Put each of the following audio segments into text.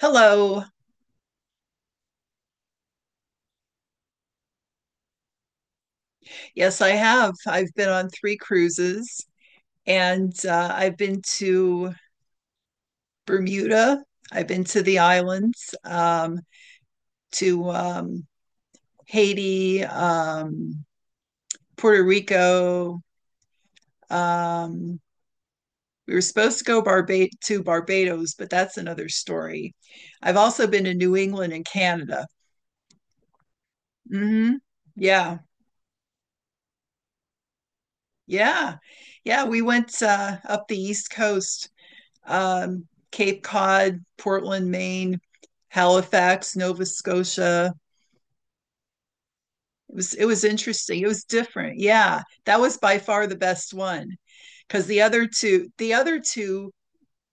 Hello. Yes, I have. I've been on three cruises and I've been to Bermuda, I've been to the islands, to Haiti, Puerto Rico. Um, we were supposed to go to Barbados, but that's another story. I've also been to New England and Canada. Hmm. Yeah, yeah, yeah. We went up the East Coast, Cape Cod, Portland, Maine, Halifax, Nova Scotia. It was interesting. It was different. Yeah, that was by far the best one because the other two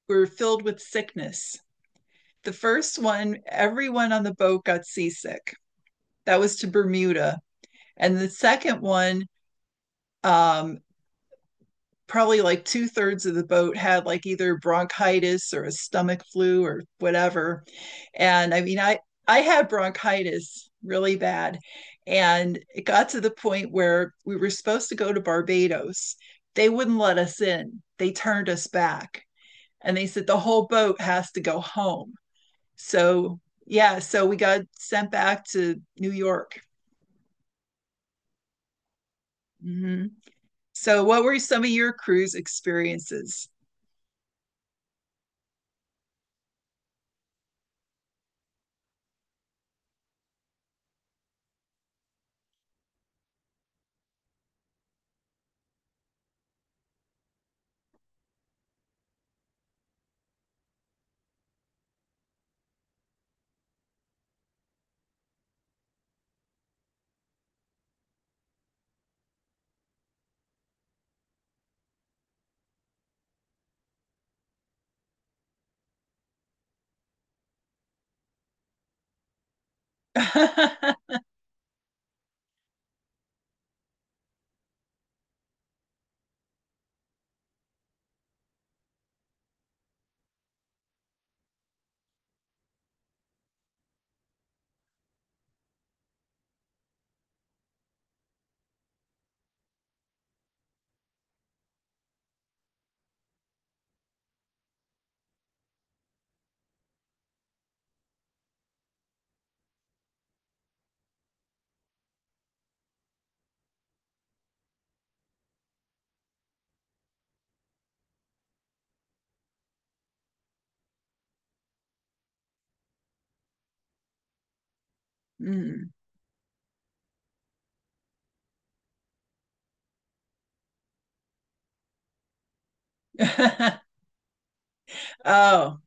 were filled with sickness. The first one, everyone on the boat got seasick. That was to Bermuda, and the second one, um, probably like two-thirds of the boat had like either bronchitis or a stomach flu or whatever. And I had bronchitis really bad. And it got to the point where we were supposed to go to Barbados. They wouldn't let us in, they turned us back. And they said the whole boat has to go home. So, yeah, so we got sent back to New York. Mm-hmm. So, what were some of your cruise experiences? mm-hmm. Oh,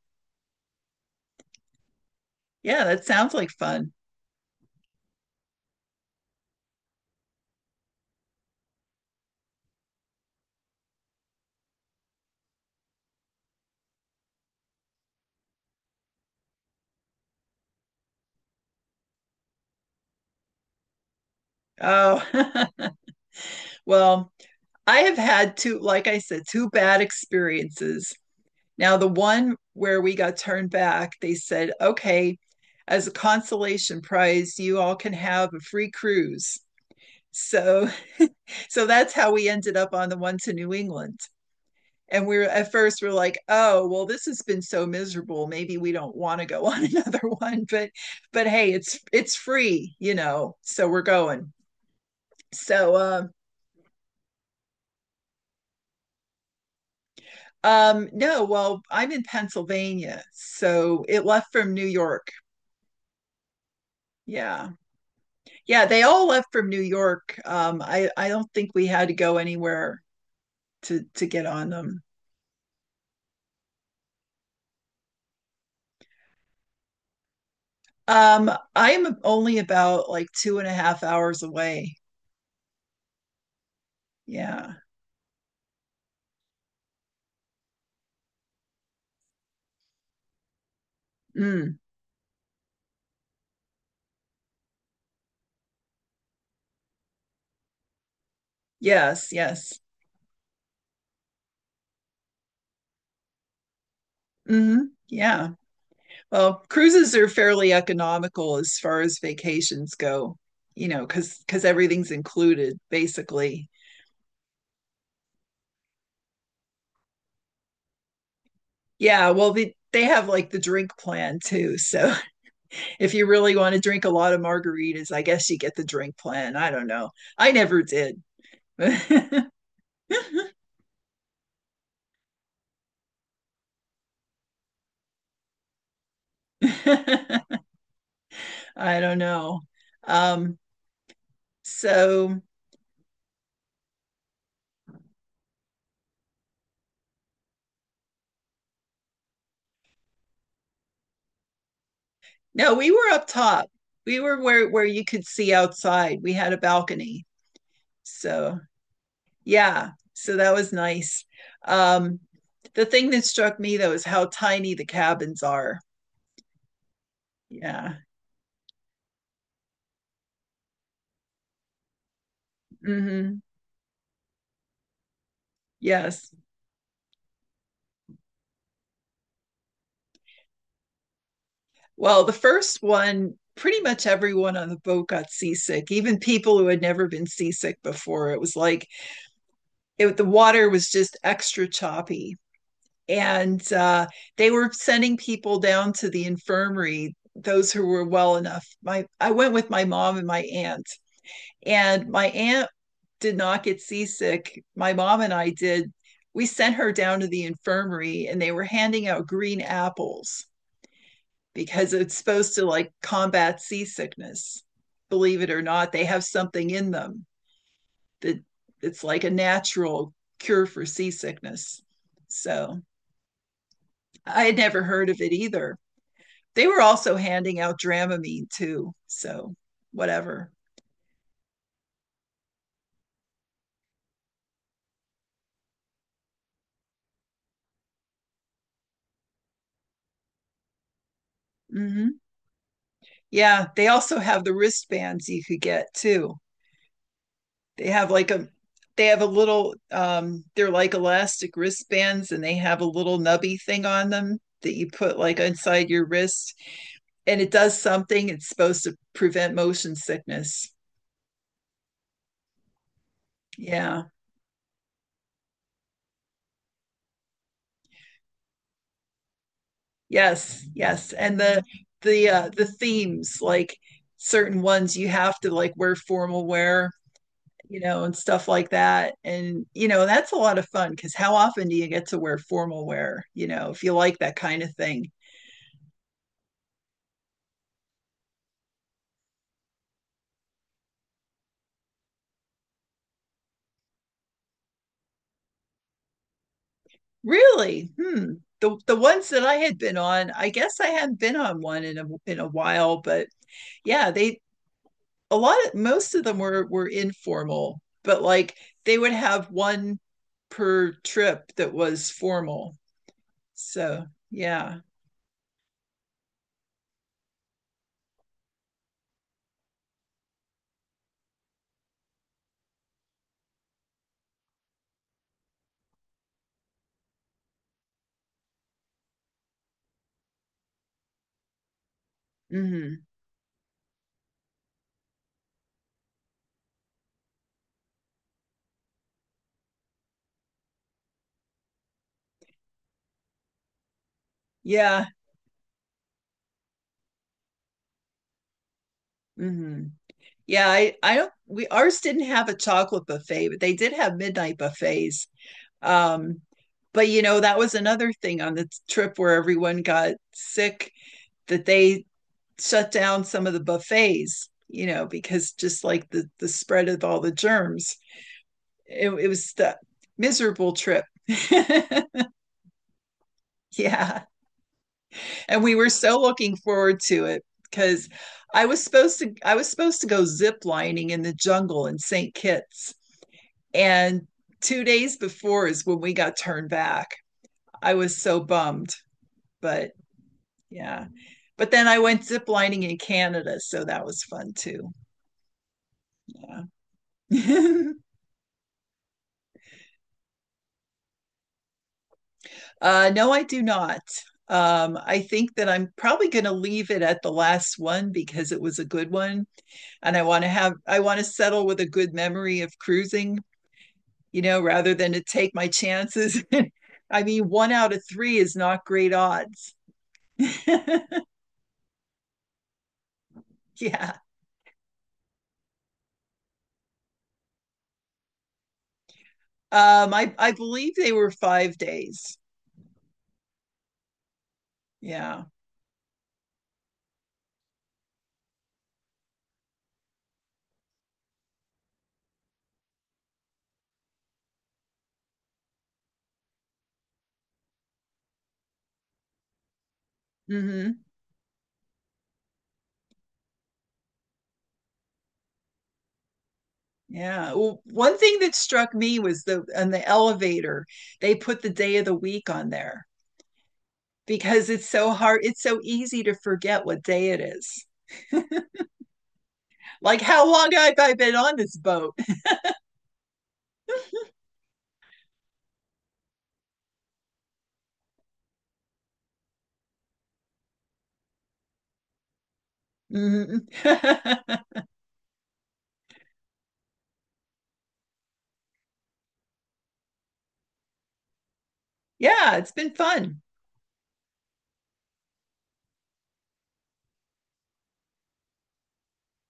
yeah, that sounds like fun. Oh, well, I have had two, like I said, two bad experiences. Now, the one where we got turned back, they said, okay, as a consolation prize, you all can have a free cruise. So, so that's how we ended up on the one to New England. And we were at first we're like, oh, well, this has been so miserable, maybe we don't want to go on another one, but hey, it's free, so we're going. So no, well, I'm in Pennsylvania, so it left from New York. Yeah, yeah, they all left from New York. I don't think we had to go anywhere to get on them. Um, I'm only about like 2.5 hours away. Yeah. Mm, yes, yes. Hmm. Yeah. Well, cruises are fairly economical as far as vacations go, because everything's included basically. Yeah. Well, they have like the drink plan too. So if you really want to drink a lot of margaritas, I guess you get the drink plan. I don't know. I never did. I don't know. Um, so no, we were up top. We were where you could see outside. We had a balcony. So yeah, so that was nice. um the thing that struck me though is how tiny the cabins are. Yeah. Mm-hmm. Yes, well, the first one, pretty much everyone on the boat got seasick, even people who had never been seasick before. It was like it, the water was just extra choppy, and they were sending people down to the infirmary, those who were well enough. My i went with my mom and my aunt, and my aunt did not get seasick. My mom and I did. We sent her down to the infirmary and they were handing out green apples because it's supposed to like combat seasickness. Believe it or not, they have something in them that it's like a natural cure for seasickness. So I had never heard of it either. They were also handing out Dramamine too. So whatever. Mm-hmm. Yeah, they also have the wristbands you could get too. They have like a they have a little they're like elastic wristbands and they have a little nubby thing on them that you put like inside your wrist, and it does something, it's supposed to prevent motion sickness. Yeah, yes, yes. And the the themes, like certain ones you have to like wear formal wear, and stuff like that. And that's a lot of fun because how often do you get to wear formal wear, if you like that kind of thing. Really? Hmm. The ones that I had been on, I guess I hadn't been on one in a while, but yeah, they a lot of most of them were informal, but like they would have one per trip that was formal. So, yeah. Hmm. Yeah. Hmm. Yeah, I don't we ours didn't have a chocolate buffet, but they did have midnight buffets. Um, but, that was another thing on the trip where everyone got sick, that they shut down some of the buffets, because just like the spread of all the germs, it was the miserable trip. yeah, and we were so looking forward to it because I was supposed to go zip lining in the jungle in St. Kitts, and 2 days before is when we got turned back. I was so bummed, but yeah. But then I went zip lining in Canada, so that was fun too. Yeah. No, I do not. I think that I'm probably going to leave it at the last one because it was a good one, and I want to settle with a good memory of cruising, you know, rather than to take my chances. I mean, one out of three is not great odds. Yeah. I believe they were 5 days. Yeah. Hmm. Yeah. Well, one thing that struck me was the on the elevator, they put the day of the week on there, because it's so hard. It's so easy to forget what day it is. Like, how long have I been on this boat? Mhm. yeah, it's been fun.